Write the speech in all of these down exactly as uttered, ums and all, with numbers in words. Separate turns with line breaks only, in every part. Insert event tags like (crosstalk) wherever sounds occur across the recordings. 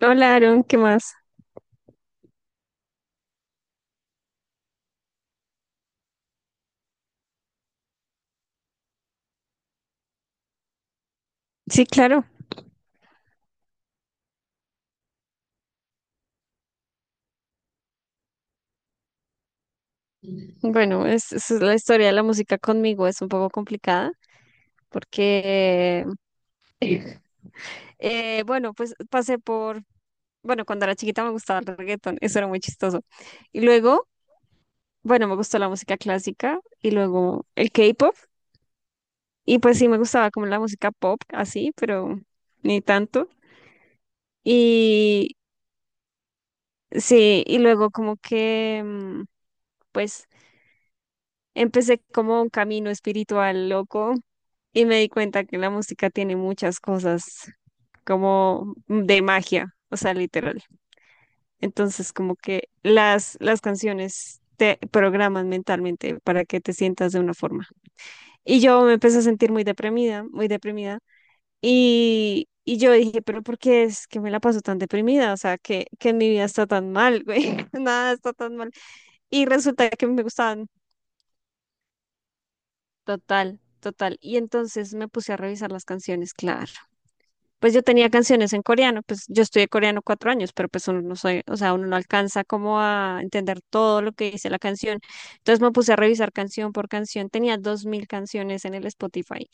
Hola, Aaron, ¿qué más? Sí, claro. Bueno, es, es la historia de la música conmigo, es un poco complicada porque. Sí. eh, bueno, pues pasé por, bueno, cuando era chiquita me gustaba el reggaetón, eso era muy chistoso. Y luego, bueno, me gustó la música clásica y luego el K-pop y pues sí, me gustaba como la música pop, así, pero ni tanto. Y sí, y luego como que, mm, pues. Empecé como un camino espiritual loco. Y me di cuenta que la música tiene muchas cosas como de magia, o sea, literal. Entonces, como que las, las canciones te programan mentalmente para que te sientas de una forma. Y yo me empecé a sentir muy deprimida, muy deprimida. Y, y yo dije, pero ¿por qué es que me la paso tan deprimida? O sea, que, que mi vida está tan mal, güey. (laughs) Nada está tan mal. Y resulta que me gustaban total, total. Y entonces me puse a revisar las canciones, claro. Pues yo tenía canciones en coreano, pues yo estudié coreano cuatro años, pero pues uno no soy, o sea, uno no alcanza como a entender todo lo que dice la canción. Entonces me puse a revisar canción por canción, tenía dos mil canciones en el Spotify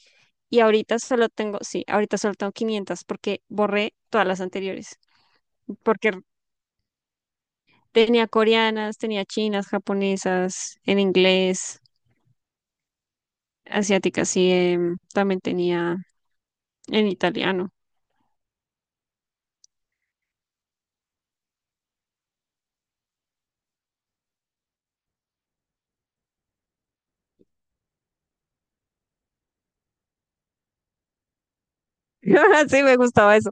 y ahorita solo tengo, sí, ahorita solo tengo quinientas porque borré todas las anteriores, porque tenía coreanas, tenía chinas, japonesas, en inglés, asiáticas sí, em, también tenía en italiano. (laughs) Sí, me gustaba eso.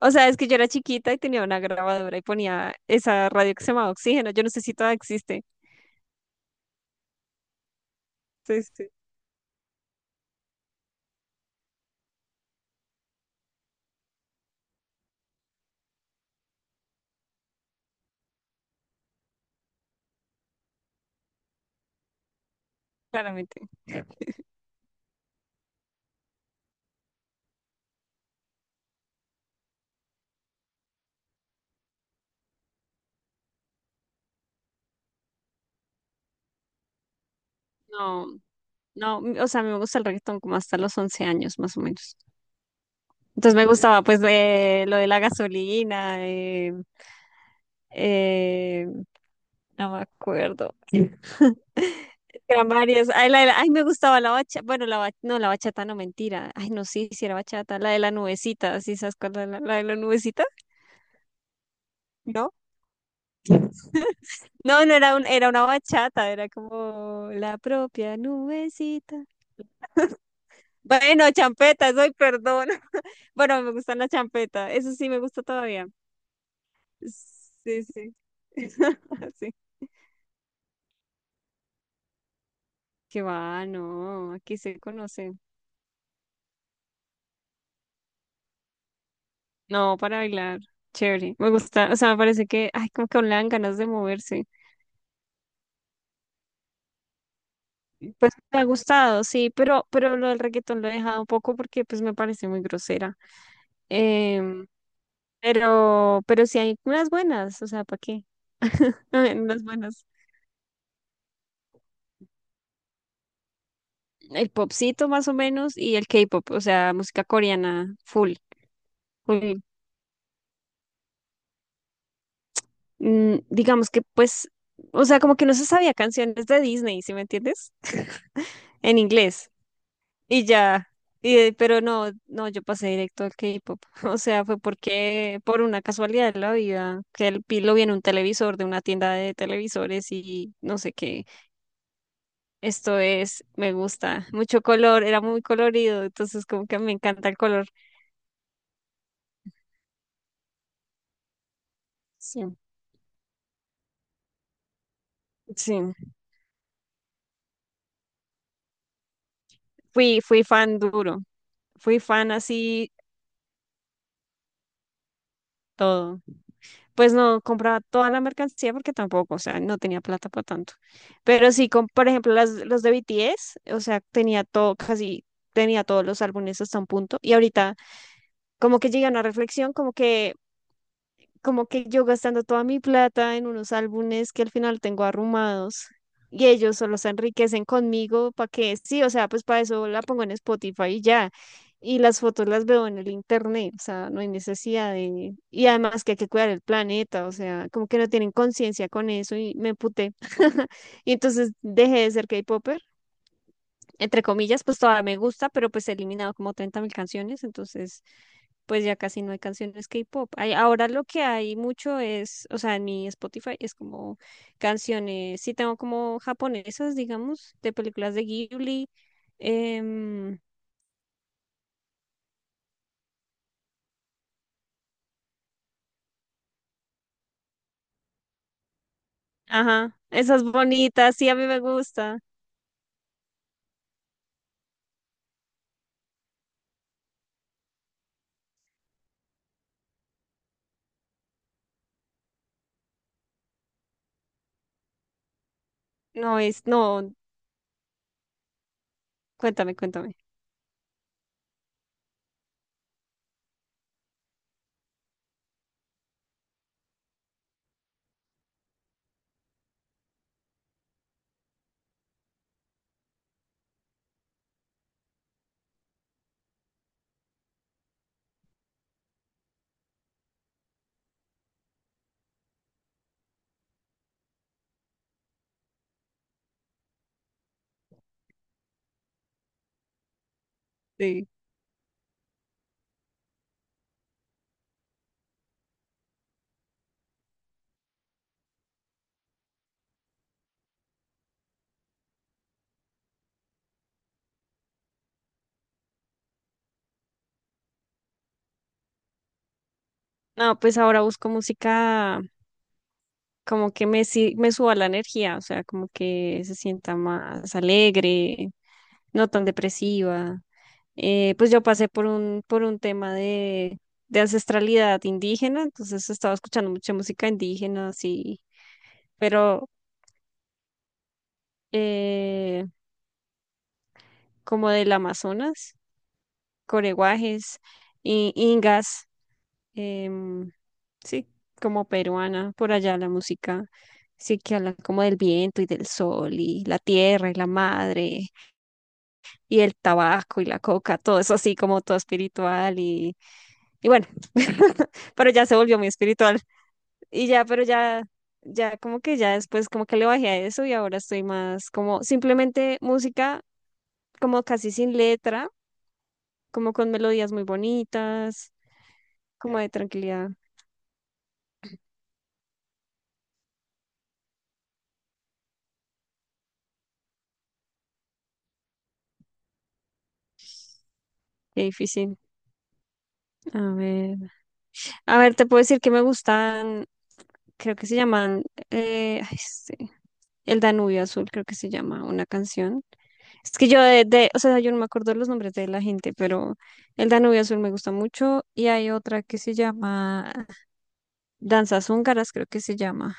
O sea, es que yo era chiquita y tenía una grabadora y ponía esa radio que se llamaba Oxígeno. Yo no sé si todavía existe. Sí, sí, claramente. No, no, m- o sea, a mí me gusta el reggaetón como hasta los once años, más o menos. Entonces me gustaba pues de, lo de la gasolina, eh, eh, no me acuerdo. Eran varios. Ay, la de la- ay, me gustaba la bachata. Bueno, la bachata, no, la bachata no, mentira. Ay, no, sí, sí era bachata. La de la nubecita, ¿sí sabes cuál es la, la de la nubecita? ¿No? No, no era un, era una bachata, era como la propia nubecita. Bueno, champeta, soy perdón. (laughs) Bueno, me gustan las champetas, eso sí me gusta todavía. Sí, sí. (laughs) Sí. Qué va, no, aquí se conoce. No, para bailar, chévere. Me gusta, o sea, me parece que, ay, como que aún le dan ganas de moverse. ¿Sí? Pues me ha gustado, sí, pero, pero lo del reggaetón lo he dejado un poco porque pues me parece muy grosera. Em, pero, pero sí hay unas buenas, o sea, ¿para qué? (laughs) Hay unas buenas. El popcito más o menos y el K-pop, o sea, música coreana full, full. Mm, digamos que pues, o sea, como que no se sabía canciones de Disney, ¿sí me entiendes? En inglés. Y ya, y, de- pero no, no, yo pasé directo al K-pop. (laughs) O sea, fue porque, por una casualidad de la vida, que el pilo vi en un televisor de una tienda de televisores y no sé qué. Esto es, me gusta, mucho color, era muy colorido, entonces como que me encanta el color. Sí. Sí, fui, fui fan duro, fui fan así todo. Pues no compraba toda la mercancía porque tampoco, o sea, no tenía plata para tanto. Pero sí, con, por ejemplo, las, los de B T S, o sea, tenía todo, casi tenía todos los álbumes hasta un punto. Y ahorita como que llegué a una reflexión, como que como que yo gastando toda mi plata en unos álbumes que al final tengo arrumados y ellos solo se enriquecen conmigo para que sí, o sea, pues para eso la pongo en Spotify y ya. Y las fotos las veo en el internet, o sea, no hay necesidad de. Y además que hay que cuidar el planeta, o sea, como que no tienen conciencia con eso y me puté. (laughs) Y entonces dejé de ser K-Popper entre comillas, pues todavía me gusta, pero pues he eliminado como treinta mil canciones, entonces pues ya casi no hay canciones K-pop. Hay- Ahora lo que hay mucho es, o sea, en mi Spotify es como canciones, sí tengo como japonesas, digamos, de películas de Ghibli. em, ajá, esas bonitas, sí, a mí me gusta. No es, no, cuéntame, cuéntame. Sí. No, pues ahora busco música como que me, si- me suba la energía, o sea, como que se sienta más alegre, no tan depresiva. Eh, pues yo pasé por un, por un tema de, de ancestralidad indígena, entonces estaba escuchando mucha música indígena, sí, pero eh, como del Amazonas, coreguajes, i- ingas, em, sí, como peruana, por allá la música. Sí, que hablan como del viento y del sol y la tierra y la madre y el tabaco y la coca, todo eso así como todo espiritual y. Y bueno, (laughs) pero ya se volvió muy espiritual. Y ya, pero ya, ya como que ya después como que le bajé a eso y ahora estoy más como simplemente música como casi sin letra, como con melodías muy bonitas, como de tranquilidad. Qué difícil. A ver. A ver, te puedo decir que me gustan, creo que se llaman eh, ay, sí, El Danubio Azul, creo que se llama una canción. Es que yo de, de- o sea, yo no me acuerdo los nombres de la gente, pero el Danubio Azul me gusta mucho y hay otra que se llama Danzas Húngaras, creo que se llama,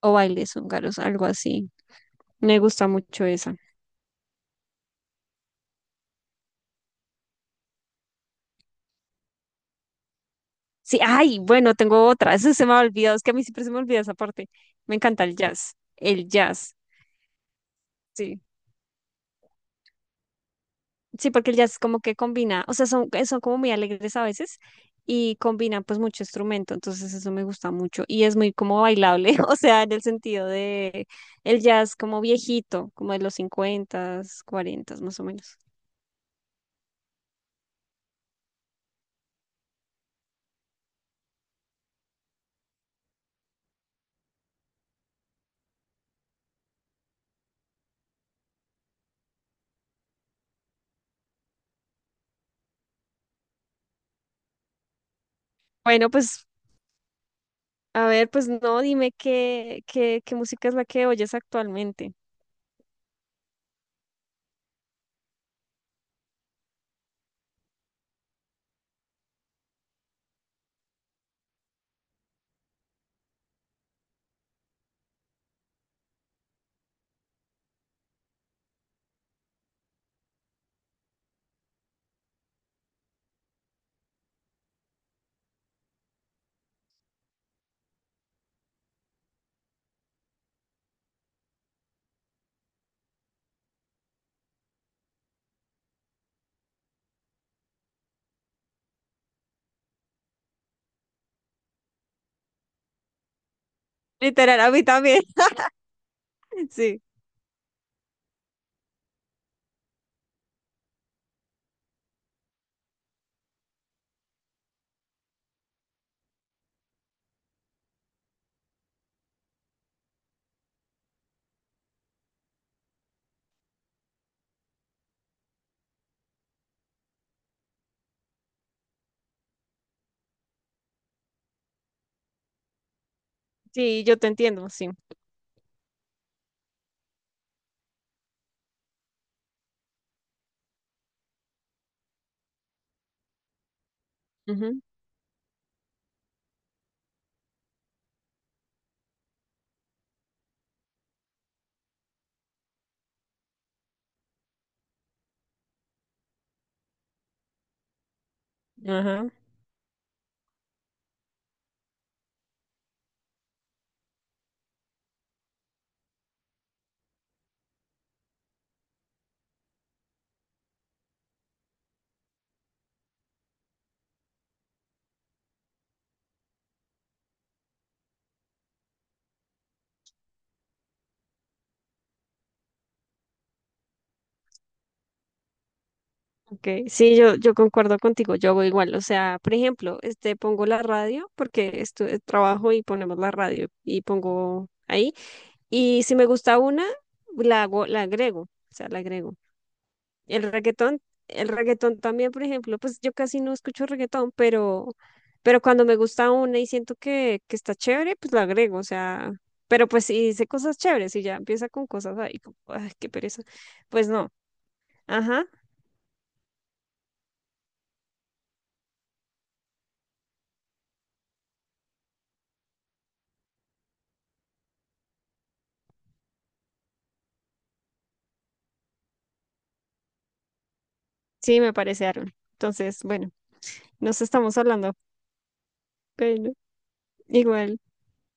o Bailes Húngaros, algo así. Me gusta mucho esa. Sí, ay, bueno, tengo otra, (laughs) eso se me ha olvidado, es que a mí siempre se me olvida esa parte. Me encanta el jazz, el jazz, sí. Sí, porque el jazz como que combina, o sea, son, eh, son como muy alegres a veces y combinan pues mucho instrumento, entonces eso me gusta mucho y es muy como bailable, (laughs) o sea, en el sentido de el jazz como viejito, como de los cincuenta, cuarenta más o menos. Bueno, pues a ver, pues no, dime qué, qué, qué música es la que oyes actualmente. Literal, a mí también. (laughs) Sí, sí, yo te entiendo, sí. Ujú. Ajá. Okay, sí, yo, yo concuerdo contigo, yo hago igual, o sea, por ejemplo, este, pongo la radio porque estu- eh, trabajo y ponemos la radio y pongo ahí, y si me gusta una, la hago, la agrego, o sea, la agrego. El reggaetón, el reggaetón también, por ejemplo, pues yo casi no escucho reggaetón, pero, pero cuando me gusta una y siento que, que, está chévere, pues la agrego, o sea, pero pues si dice cosas chéveres y ya empieza con cosas ahí, como, ay, qué pereza, pues no, ajá, sí, me parece, Aaron. Entonces, bueno. Nos estamos hablando. Bueno, igual.